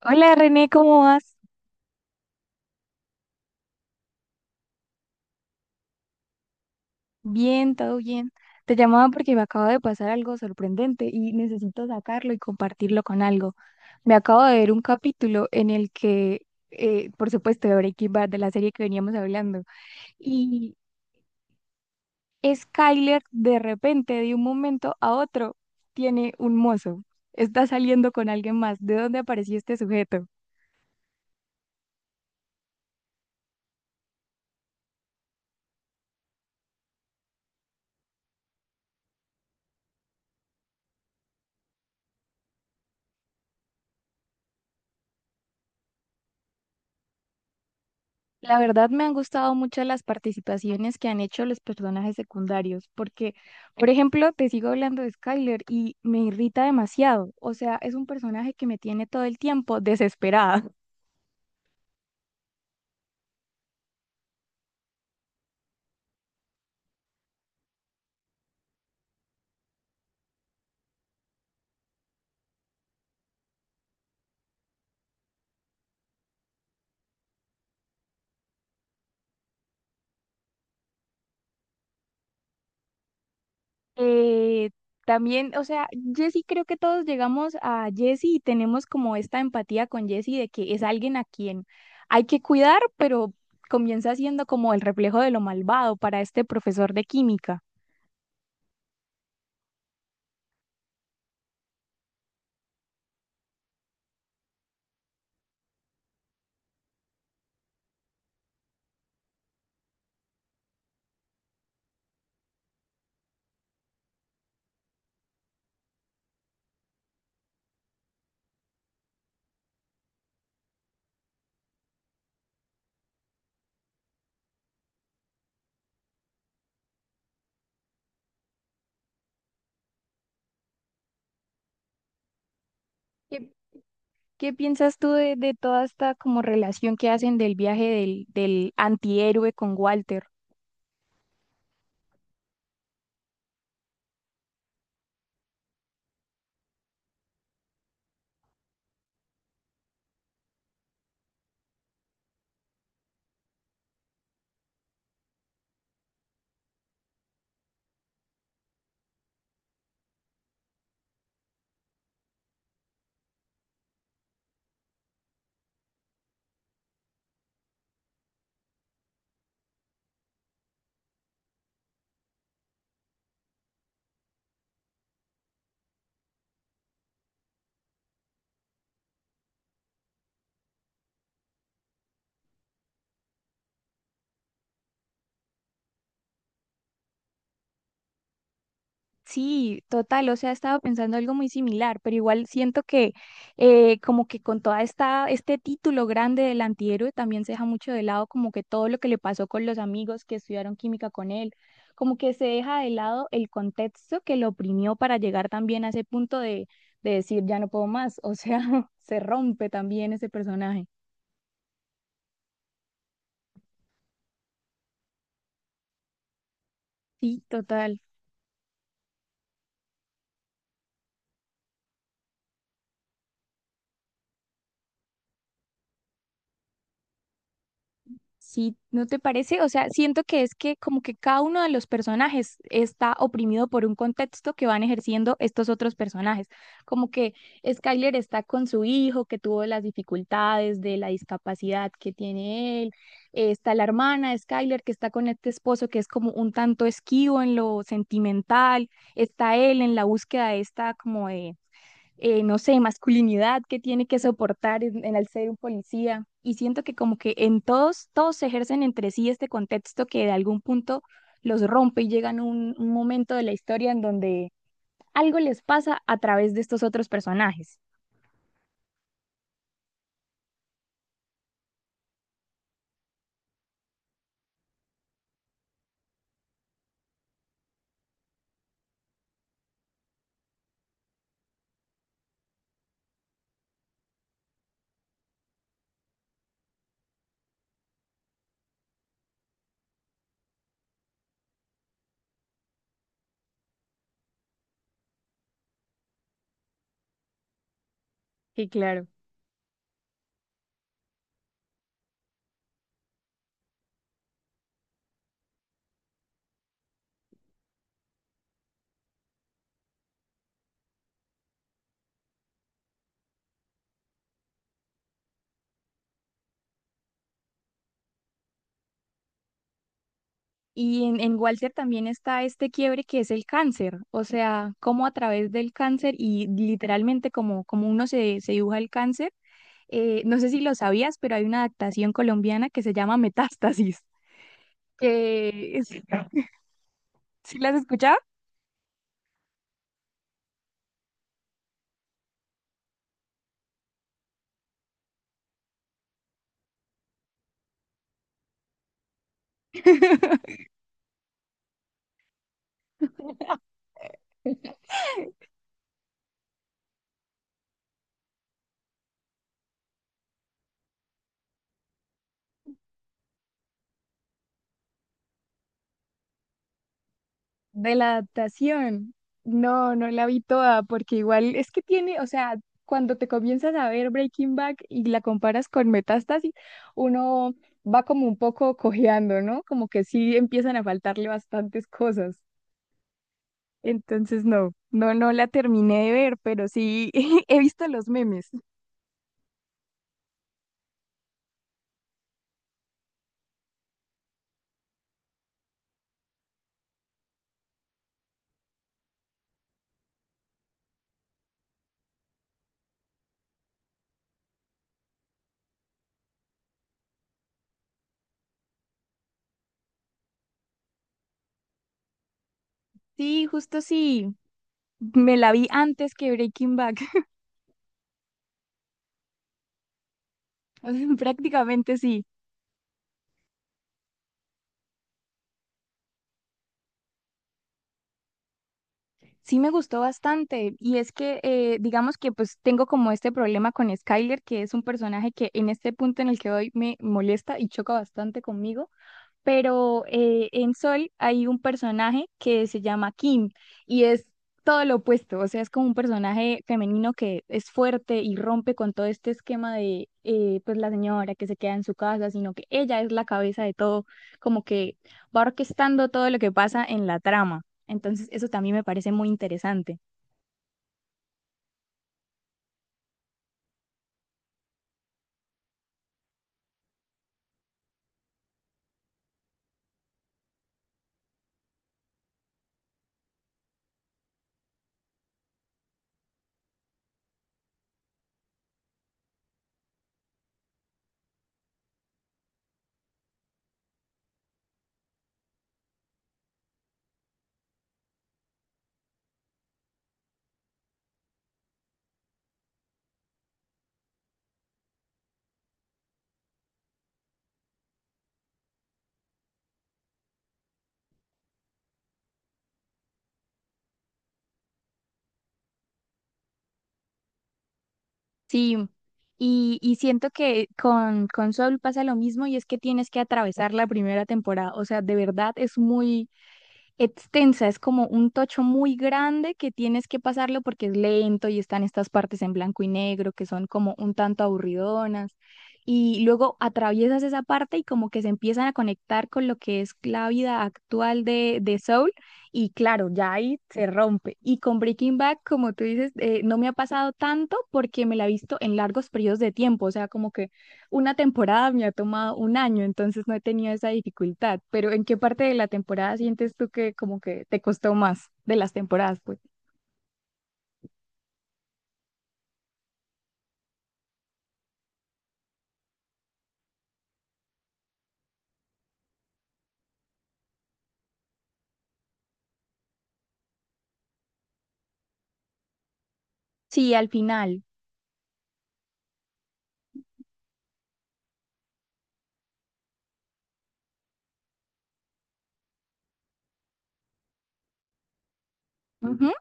Hola René, ¿cómo vas? Bien, todo bien. Te llamaba porque me acaba de pasar algo sorprendente y necesito sacarlo y compartirlo con algo. Me acabo de ver un capítulo en el que, por supuesto, de Breaking Bad, de la serie que veníamos hablando, y Skyler de repente, de un momento a otro, tiene un mozo. Está saliendo con alguien más. ¿De dónde apareció este sujeto? La verdad me han gustado mucho las participaciones que han hecho los personajes secundarios, porque, por ejemplo, te sigo hablando de Skyler y me irrita demasiado. O sea, es un personaje que me tiene todo el tiempo desesperada. Eh, También, o sea, Jesse, creo que todos llegamos a Jesse y tenemos como esta empatía con Jesse de que es alguien a quien hay que cuidar, pero comienza siendo como el reflejo de lo malvado para este profesor de química. ¿Qué piensas tú de toda esta como relación que hacen del viaje del, del antihéroe con Walter? Sí, total, o sea, estaba pensando algo muy similar, pero igual siento que como que con toda esta, este título grande del antihéroe también se deja mucho de lado como que todo lo que le pasó con los amigos que estudiaron química con él, como que se deja de lado el contexto que lo oprimió para llegar también a ese punto de decir ya no puedo más, o sea, se rompe también ese personaje. Sí, total. Sí, ¿no te parece? O sea, siento que es que como que cada uno de los personajes está oprimido por un contexto que van ejerciendo estos otros personajes. Como que Skyler está con su hijo que tuvo las dificultades de la discapacidad que tiene él. Está la hermana de Skyler que está con este esposo que es como un tanto esquivo en lo sentimental. Está él en la búsqueda de esta como de no sé, masculinidad que tiene que soportar en el ser un policía. Y siento que como que en todos, todos ejercen entre sí este contexto que de algún punto los rompe y llegan a un momento de la historia en donde algo les pasa a través de estos otros personajes. Sí, claro. Y en Walter también está este quiebre que es el cáncer, o sea, cómo a través del cáncer y literalmente como, como uno se, se dibuja el cáncer, no sé si lo sabías, pero hay una adaptación colombiana que se llama Metástasis, que es- ¿sí las has escuchado? De la adaptación. No, no la vi toda, porque igual es que tiene, o sea, cuando te comienzas a ver Breaking Bad y la comparas con Metástasis, uno va como un poco cojeando, ¿no? Como que sí empiezan a faltarle bastantes cosas. Entonces, no la terminé de ver, pero sí he visto los memes. Sí, justo sí. Me la vi antes que Breaking Bad. Prácticamente sí. Sí me gustó bastante y es que digamos que pues tengo como este problema con Skyler, que es un personaje que en este punto en el que hoy me molesta y choca bastante conmigo pero en Sol hay un personaje que se llama Kim y es todo lo opuesto, o sea, es como un personaje femenino que es fuerte y rompe con todo este esquema de pues la señora que se queda en su casa, sino que ella es la cabeza de todo, como que va orquestando todo lo que pasa en la trama. Entonces, eso también me parece muy interesante. Sí. Y siento que con Soul pasa lo mismo y es que tienes que atravesar la primera temporada. O sea, de verdad es muy, extensa, es como un tocho muy grande que tienes que pasarlo porque es lento y están estas partes en blanco y negro que son como un tanto aburridonas. Y luego atraviesas esa parte y como que se empiezan a conectar con lo que es la vida actual de Soul. Y claro, ya ahí se rompe. Y con Breaking Bad, como tú dices, no me ha pasado tanto porque me la he visto en largos periodos de tiempo. O sea, como que una temporada me ha tomado un año, entonces no he tenido esa dificultad, pero ¿en qué parte de la temporada sientes tú que como que te costó más de las temporadas, pues? Sí, al final. Ujú,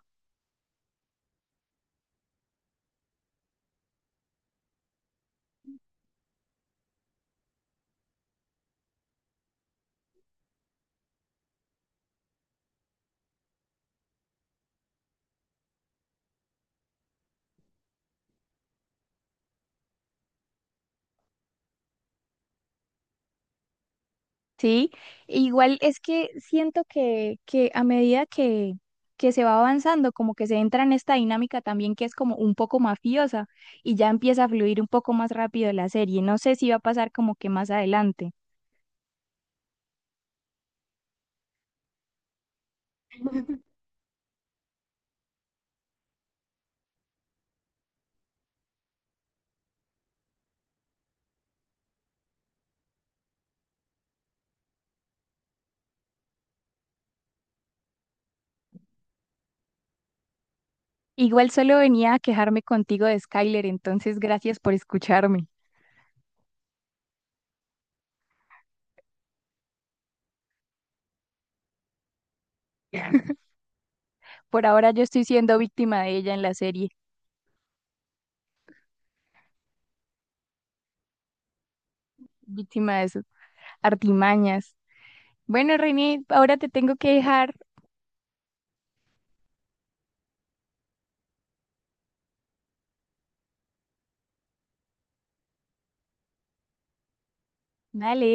sí, igual es que siento que a medida que se va avanzando, como que se entra en esta dinámica también que es como un poco mafiosa y ya empieza a fluir un poco más rápido la serie. No sé si va a pasar como que más adelante. Igual solo venía a quejarme contigo de Skyler, entonces gracias por escucharme. Por ahora yo estoy siendo víctima de ella en la serie, víctima de sus artimañas. Bueno, René, ahora te tengo que dejar. Dale.